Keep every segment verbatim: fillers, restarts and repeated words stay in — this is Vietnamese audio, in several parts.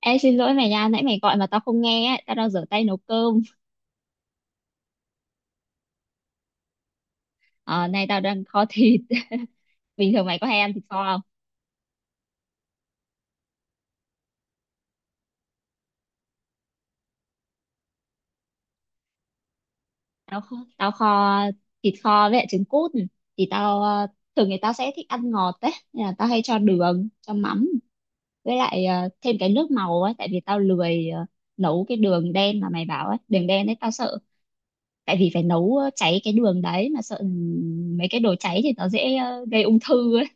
Ê, xin lỗi mày nha, nãy mày gọi mà tao không nghe á, tao đang rửa tay nấu cơm. Ờ, Nay tao đang kho thịt. Bình thường mày có hay ăn thịt kho không? Tao kho, tao kho thịt kho với lại trứng cút. Thì tao ờ, thường thì tao sẽ thích ăn ngọt đấy, nên là tao hay cho đường, cho mắm với lại ờ, thêm cái nước màu ấy, tại vì tao lười ờ, nấu cái đường đen mà mày bảo ấy, đường đen đấy tao sợ. Tại vì phải nấu ờ, cháy cái đường đấy mà sợ mấy cái đồ cháy thì nó dễ ờ, gây ung thư ấy.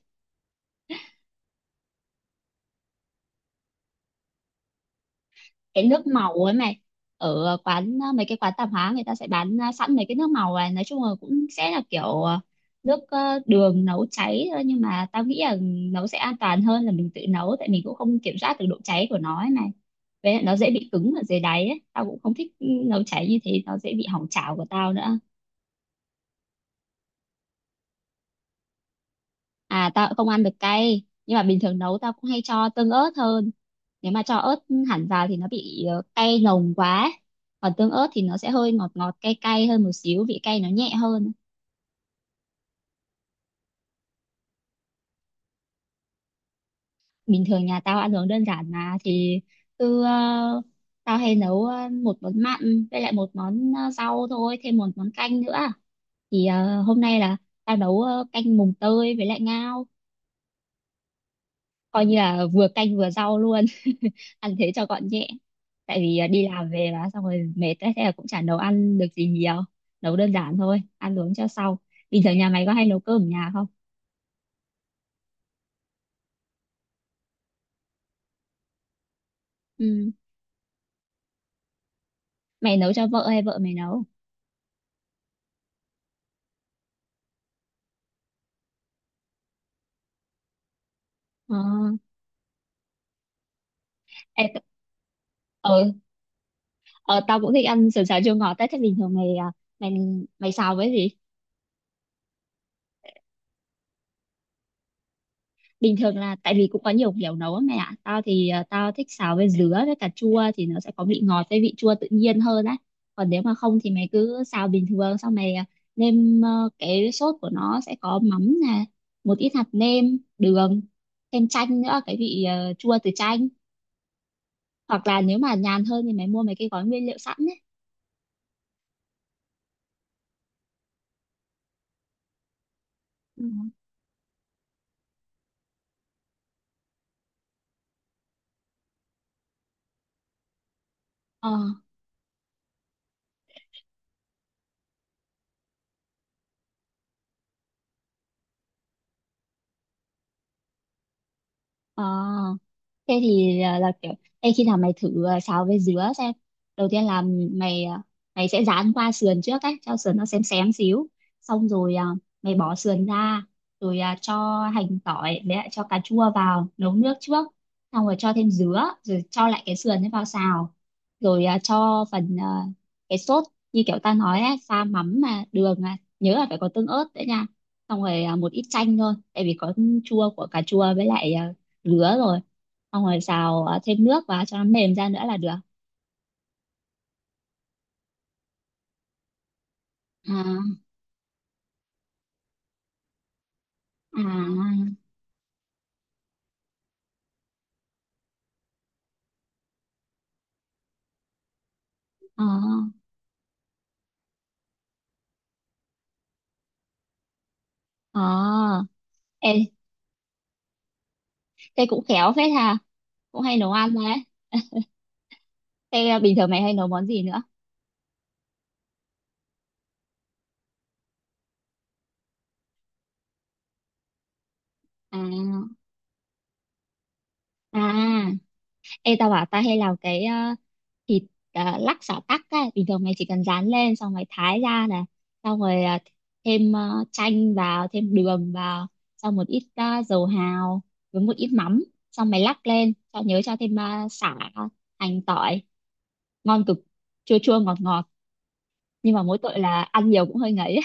Cái nước màu ấy mày, ở ờ, quán, ờ, mấy cái quán tạp hóa người ta sẽ bán ờ, sẵn mấy cái nước màu này, nói chung là cũng sẽ là kiểu ờ, nước, ờ, đường nấu cháy thôi, nhưng mà tao nghĩ là nấu sẽ an toàn hơn là mình tự nấu, tại mình cũng không kiểm soát được độ cháy của nó ấy này, với lại nó dễ bị cứng ở dưới đáy ấy, tao cũng không thích, ừ, nấu cháy như thế nó dễ bị hỏng chảo của tao nữa. À, tao cũng không ăn được cay, nhưng mà bình thường nấu tao cũng hay cho tương ớt hơn. Nếu mà cho ớt hẳn vào thì nó bị ờ, cay nồng quá, còn tương ớt thì nó sẽ hơi ngọt ngọt cay cay hơn một xíu, vị cay nó nhẹ hơn. Bình thường nhà tao ăn uống đơn giản mà, thì cứ ờ, tao hay nấu ờ, một món mặn với lại một món ờ, rau thôi, thêm một món canh nữa. Thì ờ, hôm nay là tao nấu ờ, canh mùng tơi với lại ngao, coi như là vừa canh vừa rau luôn, ăn thế cho gọn nhẹ. Tại vì à, đi làm về là xong rồi mệt ấy, thế là cũng chả nấu ăn được gì nhiều, nấu đơn giản thôi ăn uống cho sau. Bình thường nhà mày có hay nấu cơm ở nhà không? Ừ. Mày nấu cho vợ hay vợ mày nấu? ờ ê, t- ờ, ờ, Tao cũng thích ăn sườn xào chua ngọt ấy. Thế bình thường mày à, mày mày xào với gì? Bình thường là, tại vì cũng có nhiều kiểu nấu á mẹ ạ, tao thì ờ, tao thích xào với dứa với cà chua thì nó sẽ có vị ngọt với vị chua tự nhiên hơn á. Còn nếu mà không thì mày cứ xào bình thường, xong mày ờ, nêm, ờ, cái sốt của nó sẽ có mắm nè, một ít hạt nêm, đường, thêm chanh nữa, cái vị ờ, chua từ chanh. Hoặc là nếu mà nhàn hơn thì mày mua mấy cái gói nguyên liệu sẵn ấy. Ừ. ờ ờ Thế thì là, là kiểu Ê, khi nào mày thử à, xào với dứa xem. Đầu tiên là mày à, mày sẽ rán qua sườn trước ấy, cho sườn nó xém xém xíu, xong rồi à, mày bỏ sườn ra, rồi à, cho hành tỏi với lại cho cà chua vào nấu nước trước, xong rồi cho thêm dứa, rồi cho lại cái sườn ấy vào xào, rồi à, cho phần à, cái sốt như kiểu ta nói ấy, pha mắm mà đường, à, nhớ là phải có tương ớt đấy nha, xong rồi à, một ít chanh thôi tại vì có chua của cà chua với lại à, dứa rồi, xong rồi xào ờ, thêm nước vào cho nó mềm ra nữa là được. À. À. À. ờ ê Thế cũng khéo phết ha, cũng hay nấu ăn đấy. Thế ờ, bình thường mày hay nấu món gì nữa? À. À. Ê, tao bảo tao hay làm cái ờ, thịt ờ, lắc xả tắc ấy, bình thường mày chỉ cần rán lên xong mày thái ra này, xong rồi ờ, thêm ờ, chanh vào, thêm đường vào, xong một ít ờ, dầu hào, với một ít mắm, xong mày lắc lên cho nhớ, cho thêm uh, sả, hành tỏi, ngon cực, chua chua ngọt ngọt, nhưng mà mỗi tội là ăn nhiều cũng hơi ngấy ấy.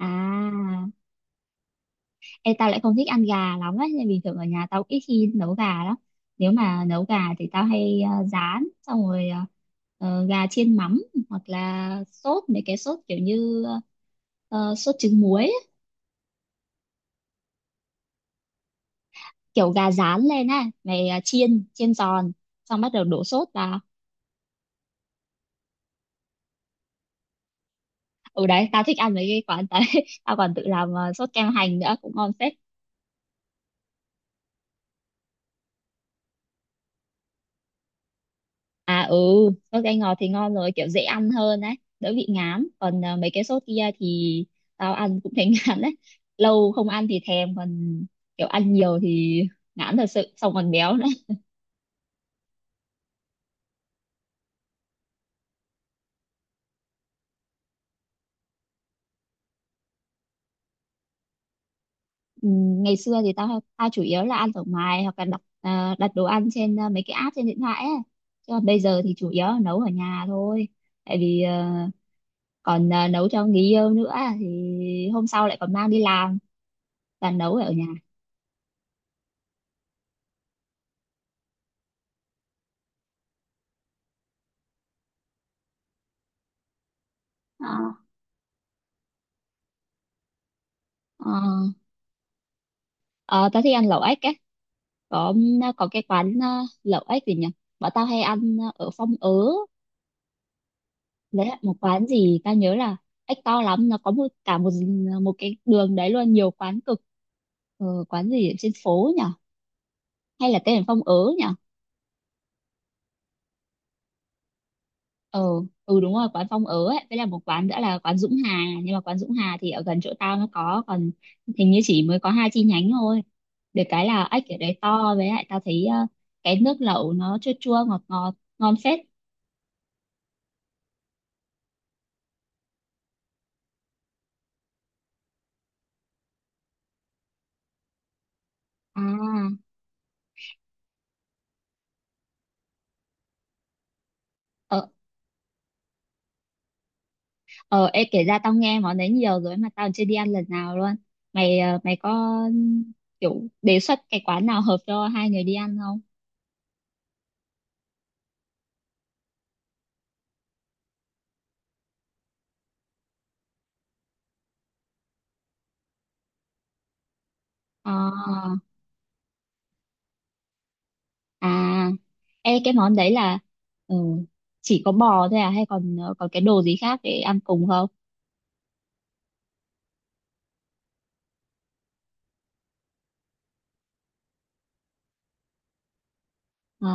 À. Em tao lại không thích ăn gà lắm ấy, nên bình thường ở nhà tao ít khi nấu gà lắm. Nếu mà nấu gà thì tao hay ờ, rán, xong rồi ờ, ờ, gà chiên mắm, hoặc là sốt mấy cái sốt kiểu như ờ, sốt trứng muối ấy. Kiểu gà rán lên á mày, ờ, chiên chiên giòn, xong bắt đầu đổ sốt vào. Ừ, đấy tao thích ăn mấy cái quán đấy. Tao còn tự làm ờ, sốt kem hành nữa cũng ngon phết. À ừ, sốt cay ngọt thì ngon rồi, kiểu dễ ăn hơn đấy, đỡ bị ngán. Còn à, mấy cái sốt kia thì tao ăn cũng thấy ngán đấy. Lâu không ăn thì thèm, còn kiểu ăn nhiều thì ngán thật sự, xong còn béo nữa. Ừ, ngày xưa thì tao tao chủ yếu là ăn ở ngoài hoặc là đặt à, đặt đồ ăn trên à, mấy cái app trên điện thoại ấy. Chứ còn bây giờ thì chủ yếu là nấu ở nhà thôi. Tại vì à, còn à, nấu cho người yêu nữa, thì hôm sau lại còn mang đi làm và nấu ở nhà. Ờ. Ờ. Ờ, tao thích ăn lẩu ếch á, có, ờ, có cái quán, ờ, lẩu ếch gì nhỉ, bọn tao hay ăn ờ, ở Phong Ớ. Đấy là một quán gì tao nhớ là ếch to lắm, nó có một cả một ờ, một cái đường đấy luôn, nhiều quán cực, ờ, quán gì ở trên phố nhỉ, hay là tên là Phong Ớ nhỉ? Ờ, ừ đúng rồi, quán Phong Ớ ấy, với là một quán nữa là quán Dũng Hà, nhưng mà quán Dũng Hà thì ở gần chỗ tao nó có, còn hình như chỉ mới có hai chi nhánh thôi. Được cái là ếch ở đấy to, với lại tao thấy ờ, cái nước lẩu nó chua chua ngọt ngọt, ngon phết. À. Ờ. Ờ ê, kể ra tao nghe món đấy nhiều rồi mà tao chưa đi ăn lần nào luôn. Mày ờ, mày có kiểu đề xuất cái quán nào hợp cho hai người đi ăn không? À. À, ê, cái món đấy là, ừ, chỉ có bò thôi à, hay còn ờ, còn cái đồ gì khác để ăn cùng không? À,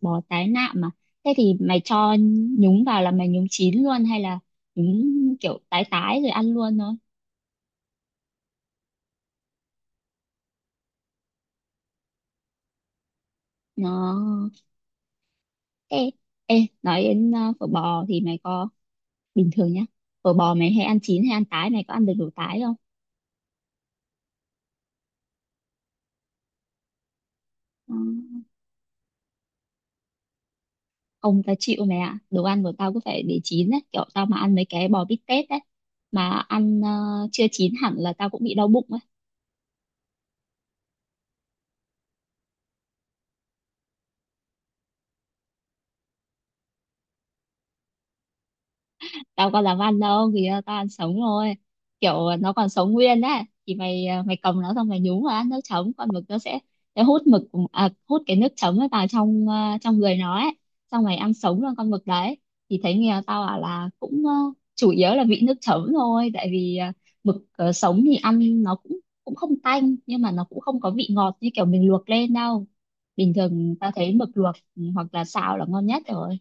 bò tái nạm mà. Thế thì mày cho nhúng vào là mày nhúng chín luôn, hay là nhúng kiểu tái tái rồi ăn luôn thôi? Nó, ê, ê, nói đến ờ, phở bò thì mày có, bình thường nhá. Phở bò mày hay ăn chín hay ăn tái, mày có ăn được đồ tái không? Ờ. Ông ta chịu mày ạ, đồ ăn của tao cứ phải để chín đấy, kiểu tao mà ăn mấy cái bò bít tết đấy mà ăn ờ, chưa chín hẳn là tao cũng bị đau bụng ấy. Tao có làm ăn đâu, thì ờ, tao ăn sống thôi, kiểu ờ, nó còn sống nguyên đấy, thì mày ờ, mày cầm nó xong mày nhúng vào ăn nước chấm, con mực nó sẽ, nó hút mực, à, hút cái nước chấm ấy vào trong ờ, trong người nó ấy, xong mày ăn sống luôn con mực đấy. Thì thấy nghèo tao bảo là cũng ờ, chủ yếu là vị nước chấm thôi, tại vì ờ, mực, ờ, sống thì ăn nó cũng, cũng không tanh nhưng mà nó cũng không có vị ngọt như kiểu mình luộc lên đâu. Bình thường tao thấy mực luộc, ừ, hoặc là xào là ngon nhất rồi.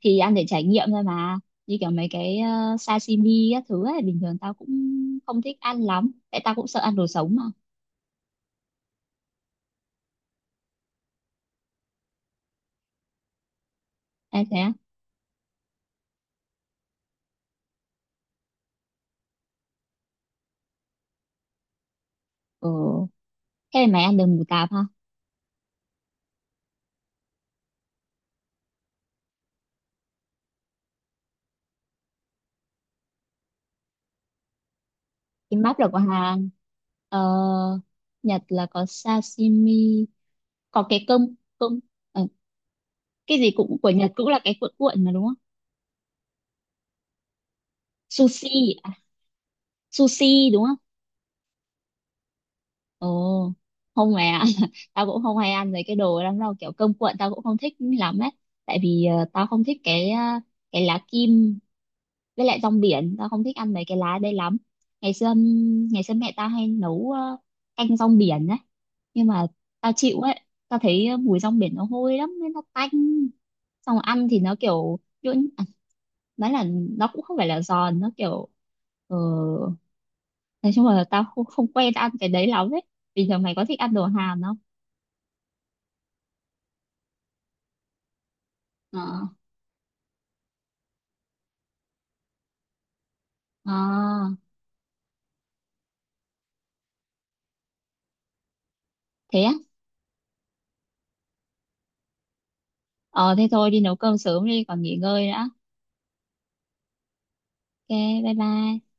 Thì ăn để trải nghiệm thôi mà, như kiểu mấy cái ờ, sashimi các thứ ấy bình thường tao cũng không thích ăn lắm, tại tao cũng sợ ăn đồ sống mà. Em thế á? Ừ. Thế mày ăn được mù tạt ha. Kimbap là của Hàn. ờ, Nhật là có sashimi, có cái cơm, cơm ờ, cái gì cũng của Nhật cũng là cái cuộn cuộn mà đúng không? Sushi, à, sushi đúng. Ồ, không mẹ ạ. Tao cũng không hay ăn mấy cái đồ lắm đâu, kiểu cơm cuộn tao cũng không thích lắm ấy. Tại vì ờ, tao không thích cái ờ, cái lá kim với lại rong biển, tao không thích ăn mấy cái lá đây lắm. Ngày xưa ngày xưa mẹ tao hay nấu ờ, canh rong biển ấy, nhưng mà tao chịu ấy, tao thấy mùi rong biển nó hôi lắm nên nó tanh. Xong rồi ăn thì nó kiểu nhuyễn, à, nói là nó cũng không phải là giòn, nó kiểu ờ, nói chung là tao không, không quen ăn cái đấy lắm ấy. Bình thường mày có thích ăn đồ Hàn không? Ờ. Ờ. Thế á. Ờ, thế thôi đi nấu cơm sớm đi còn nghỉ ngơi nữa. Ok, bye bye.